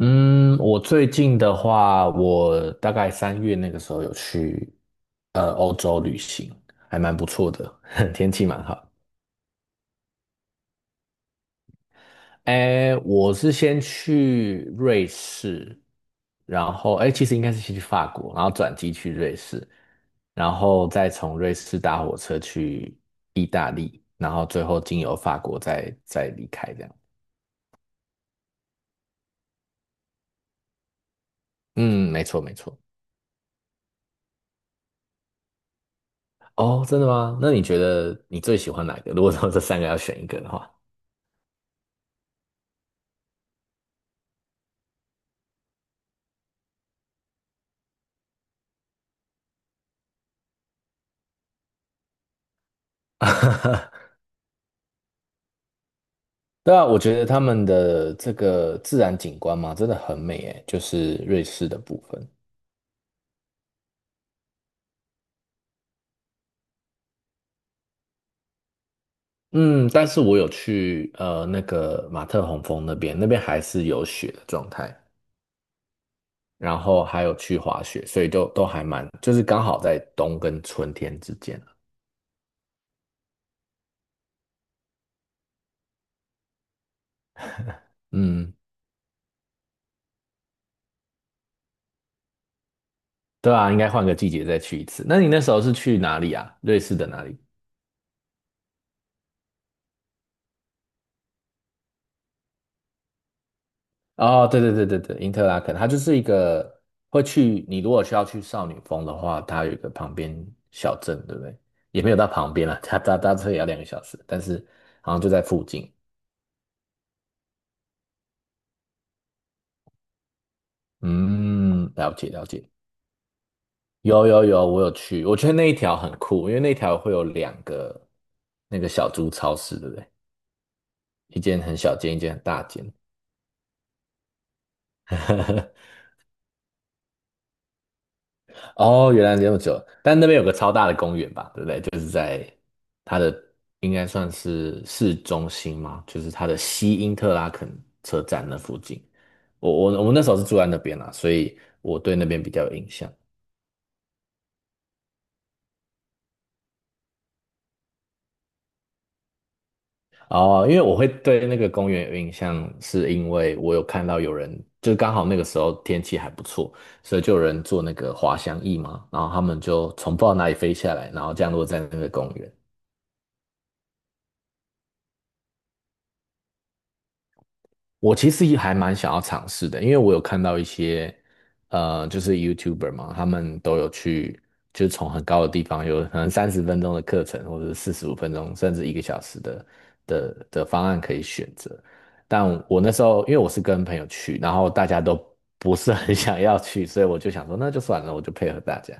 嗯，我最近的话，我大概3月那个时候有去欧洲旅行，还蛮不错的，天气蛮好。哎，我是先去瑞士，然后哎，其实应该是先去法国，然后转机去瑞士，然后再从瑞士搭火车去意大利，然后最后经由法国再离开这样。嗯，没错没错。哦，真的吗？那你觉得你最喜欢哪一个？如果说这三个要选一个的话。对啊，我觉得他们的这个自然景观嘛，真的很美诶，就是瑞士的部分。嗯，但是我有去那个马特洪峰那边，那边还是有雪的状态，然后还有去滑雪，所以就都还蛮，就是刚好在冬跟春天之间。嗯，对啊，应该换个季节再去一次。那你那时候是去哪里啊？瑞士的哪里？哦，对对对对对，因特拉肯，它就是一个会去，你如果需要去少女峰的话，它有一个旁边小镇，对不对？也没有到旁边了，它搭车也要2个小时，但是好像就在附近。嗯，了解了解，有有有，我有去，我觉得那一条很酷，因为那条会有两个那个小猪超市，对不对？一间很小间，一间很大间。哦，原来这么久，但那边有个超大的公园吧，对不对？就是在它的应该算是市中心嘛，就是它的西因特拉肯车站那附近。我们那时候是住在那边啦，所以我对那边比较有印象。哦，因为我会对那个公园有印象，是因为我有看到有人，就刚好那个时候天气还不错，所以就有人坐那个滑翔翼嘛，然后他们就从不知道哪里飞下来，然后降落在那个公园。我其实也还蛮想要尝试的，因为我有看到一些，就是 YouTuber 嘛，他们都有去，就是从很高的地方，有可能30分钟的课程，或者是45分钟，甚至1个小时的方案可以选择。但我那时候，因为我是跟朋友去，然后大家都不是很 想要去，所以我就想说，那就算了，我就配合大家。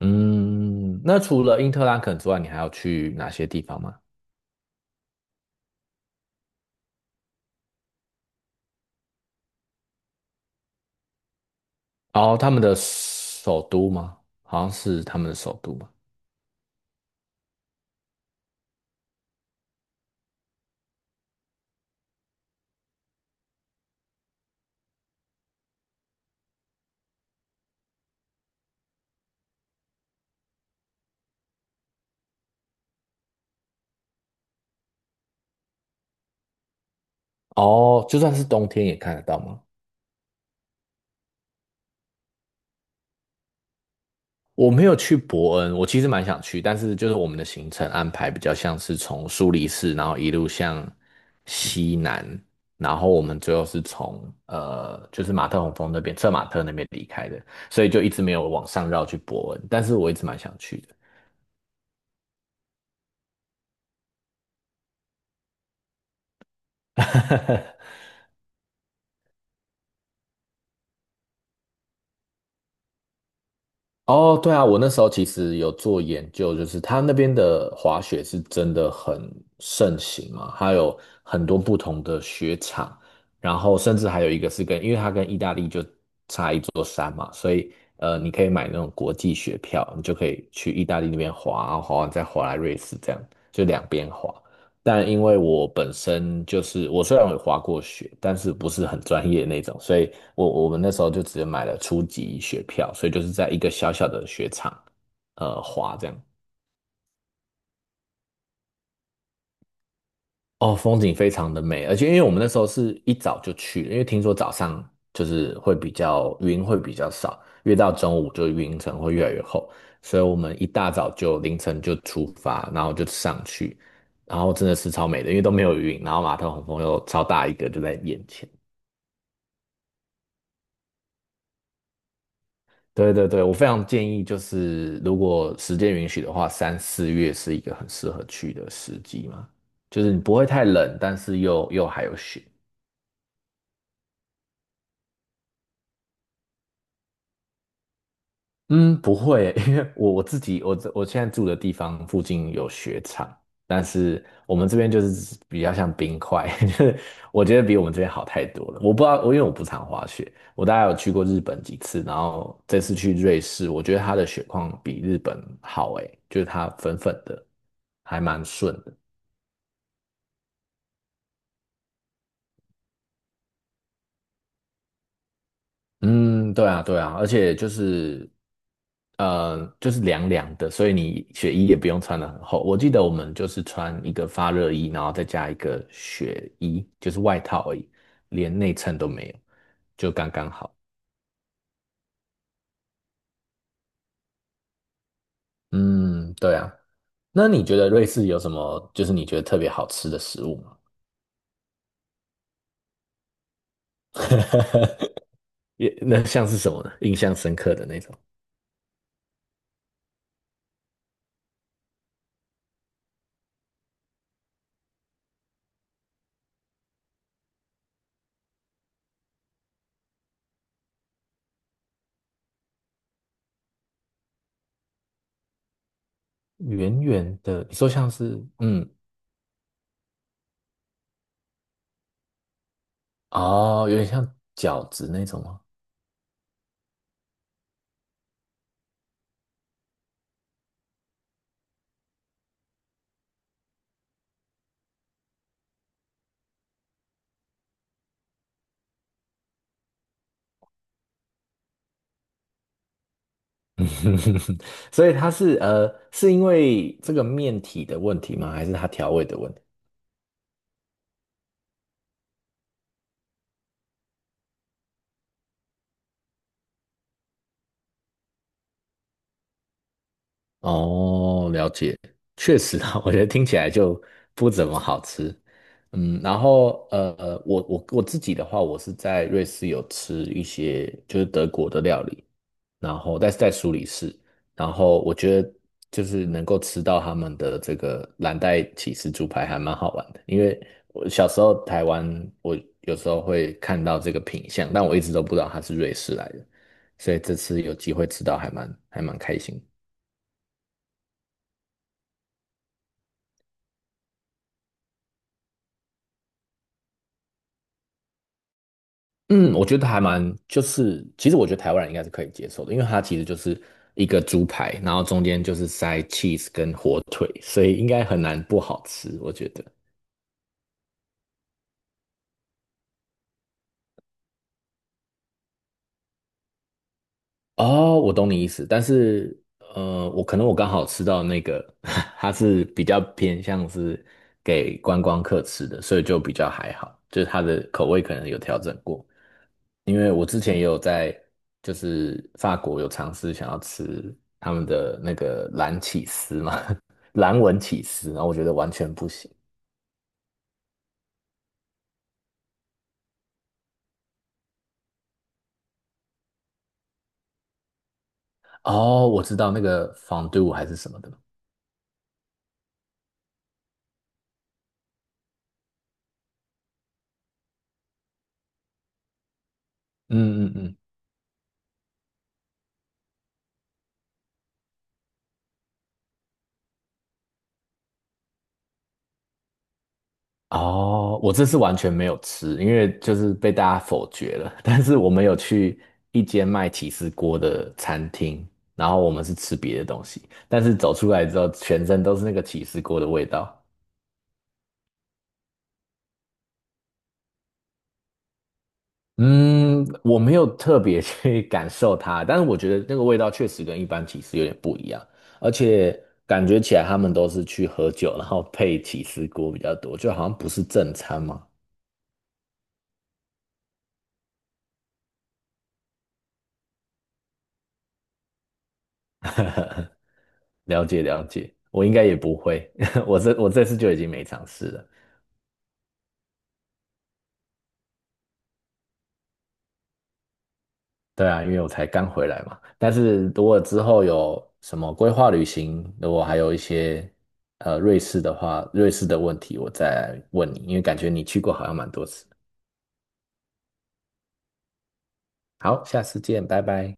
嗯，那除了因特兰肯之外，你还要去哪些地方吗？哦，他们的首都吗？好像是他们的首都吗？哦，就算是冬天也看得到吗？我没有去伯恩，我其实蛮想去，但是就是我们的行程安排比较像是从苏黎世，然后一路向西南，然后我们最后是从就是马特洪峰那边，策马特那边离开的，所以就一直没有往上绕去伯恩，但是我一直蛮想去的。哦，对啊，我那时候其实有做研究，就是他那边的滑雪是真的很盛行嘛，它有很多不同的雪场，然后甚至还有一个是跟，因为它跟意大利就差一座山嘛，所以你可以买那种国际雪票，你就可以去意大利那边滑，然后滑完再滑来瑞士，这样就两边滑。但因为我本身就是我虽然有滑过雪，但是不是很专业那种，所以我们那时候就直接买了初级雪票，所以就是在一个小小的雪场，滑这样。哦，风景非常的美，而且因为我们那时候是一早就去了因为听说早上就是会比较云会比较少，越到中午就云层会越来越厚，所以我们一大早就凌晨就出发，然后就上去，然后真的是超美的，因为都没有云，然后马特洪峰又超大一个就在眼前。对对对，我非常建议，就是如果时间允许的话，三四月是一个很适合去的时机嘛，就是你不会太冷，但是又还有雪。嗯，不会，因为我自己，我现在住的地方附近有雪场，但是我们这边就是比较像冰块，就是我觉得比我们这边好太多了。我不知道，因为我不常滑雪，我大概有去过日本几次，然后这次去瑞士，我觉得它的雪况比日本好，诶，就是它粉粉的，还蛮顺的。嗯，对啊，对啊，而且就是，就是凉凉的，所以你雪衣也不用穿的很厚。我记得我们就是穿一个发热衣，然后再加一个雪衣，就是外套而已，连内衬都没有，就刚刚好。嗯，对啊。那你觉得瑞士有什么就是你觉得特别好吃的食物吗？也那像是什么呢？印象深刻的那种，圆圆的，你说像是哦，有点像饺子那种吗？所以它是是因为这个面体的问题吗？还是它调味的问题？哦，了解，确实啊，我觉得听起来就不怎么好吃。然后我自己的话，我是在瑞士有吃一些就是德国的料理，然后但是在苏黎世，然后我觉得就是能够吃到他们的这个蓝带起司猪排还蛮好玩的，因为我小时候台湾我有时候会看到这个品相，但我一直都不知道它是瑞士来的，所以这次有机会吃到还蛮开心的。嗯，我觉得还蛮，就是其实我觉得台湾人应该是可以接受的，因为它其实就是一个猪排，然后中间就是塞 cheese 跟火腿，所以应该很难不好吃，我觉得。哦，我懂你意思，但是我可能我刚好吃到那个，它是比较偏向是给观光客吃的，所以就比较还好，就是它的口味可能有调整过。因为我之前也有在就是法国有尝试想要吃他们的那个蓝起司嘛，蓝纹起司，然后我觉得完全不行。哦，我知道那个 fond 还是什么的。嗯嗯嗯。哦，我这次完全没有吃，因为就是被大家否决了。但是我们有去一间卖起司锅的餐厅，然后我们是吃别的东西，但是走出来之后，全身都是那个起司锅的味道。嗯，我没有特别去 感受它，但是我觉得那个味道确实跟一般起司有点不一样，而且感觉起来他们都是去喝酒，然后配起司锅比较多，就好像不是正餐嘛。了解了解，我应该也不会，我这次就已经没尝试了。对啊，因为我才刚回来嘛。但是如果之后有什么规划旅行，如果还有一些瑞士的话，瑞士的问题我再问你，因为感觉你去过好像蛮多次。好，下次见，拜拜。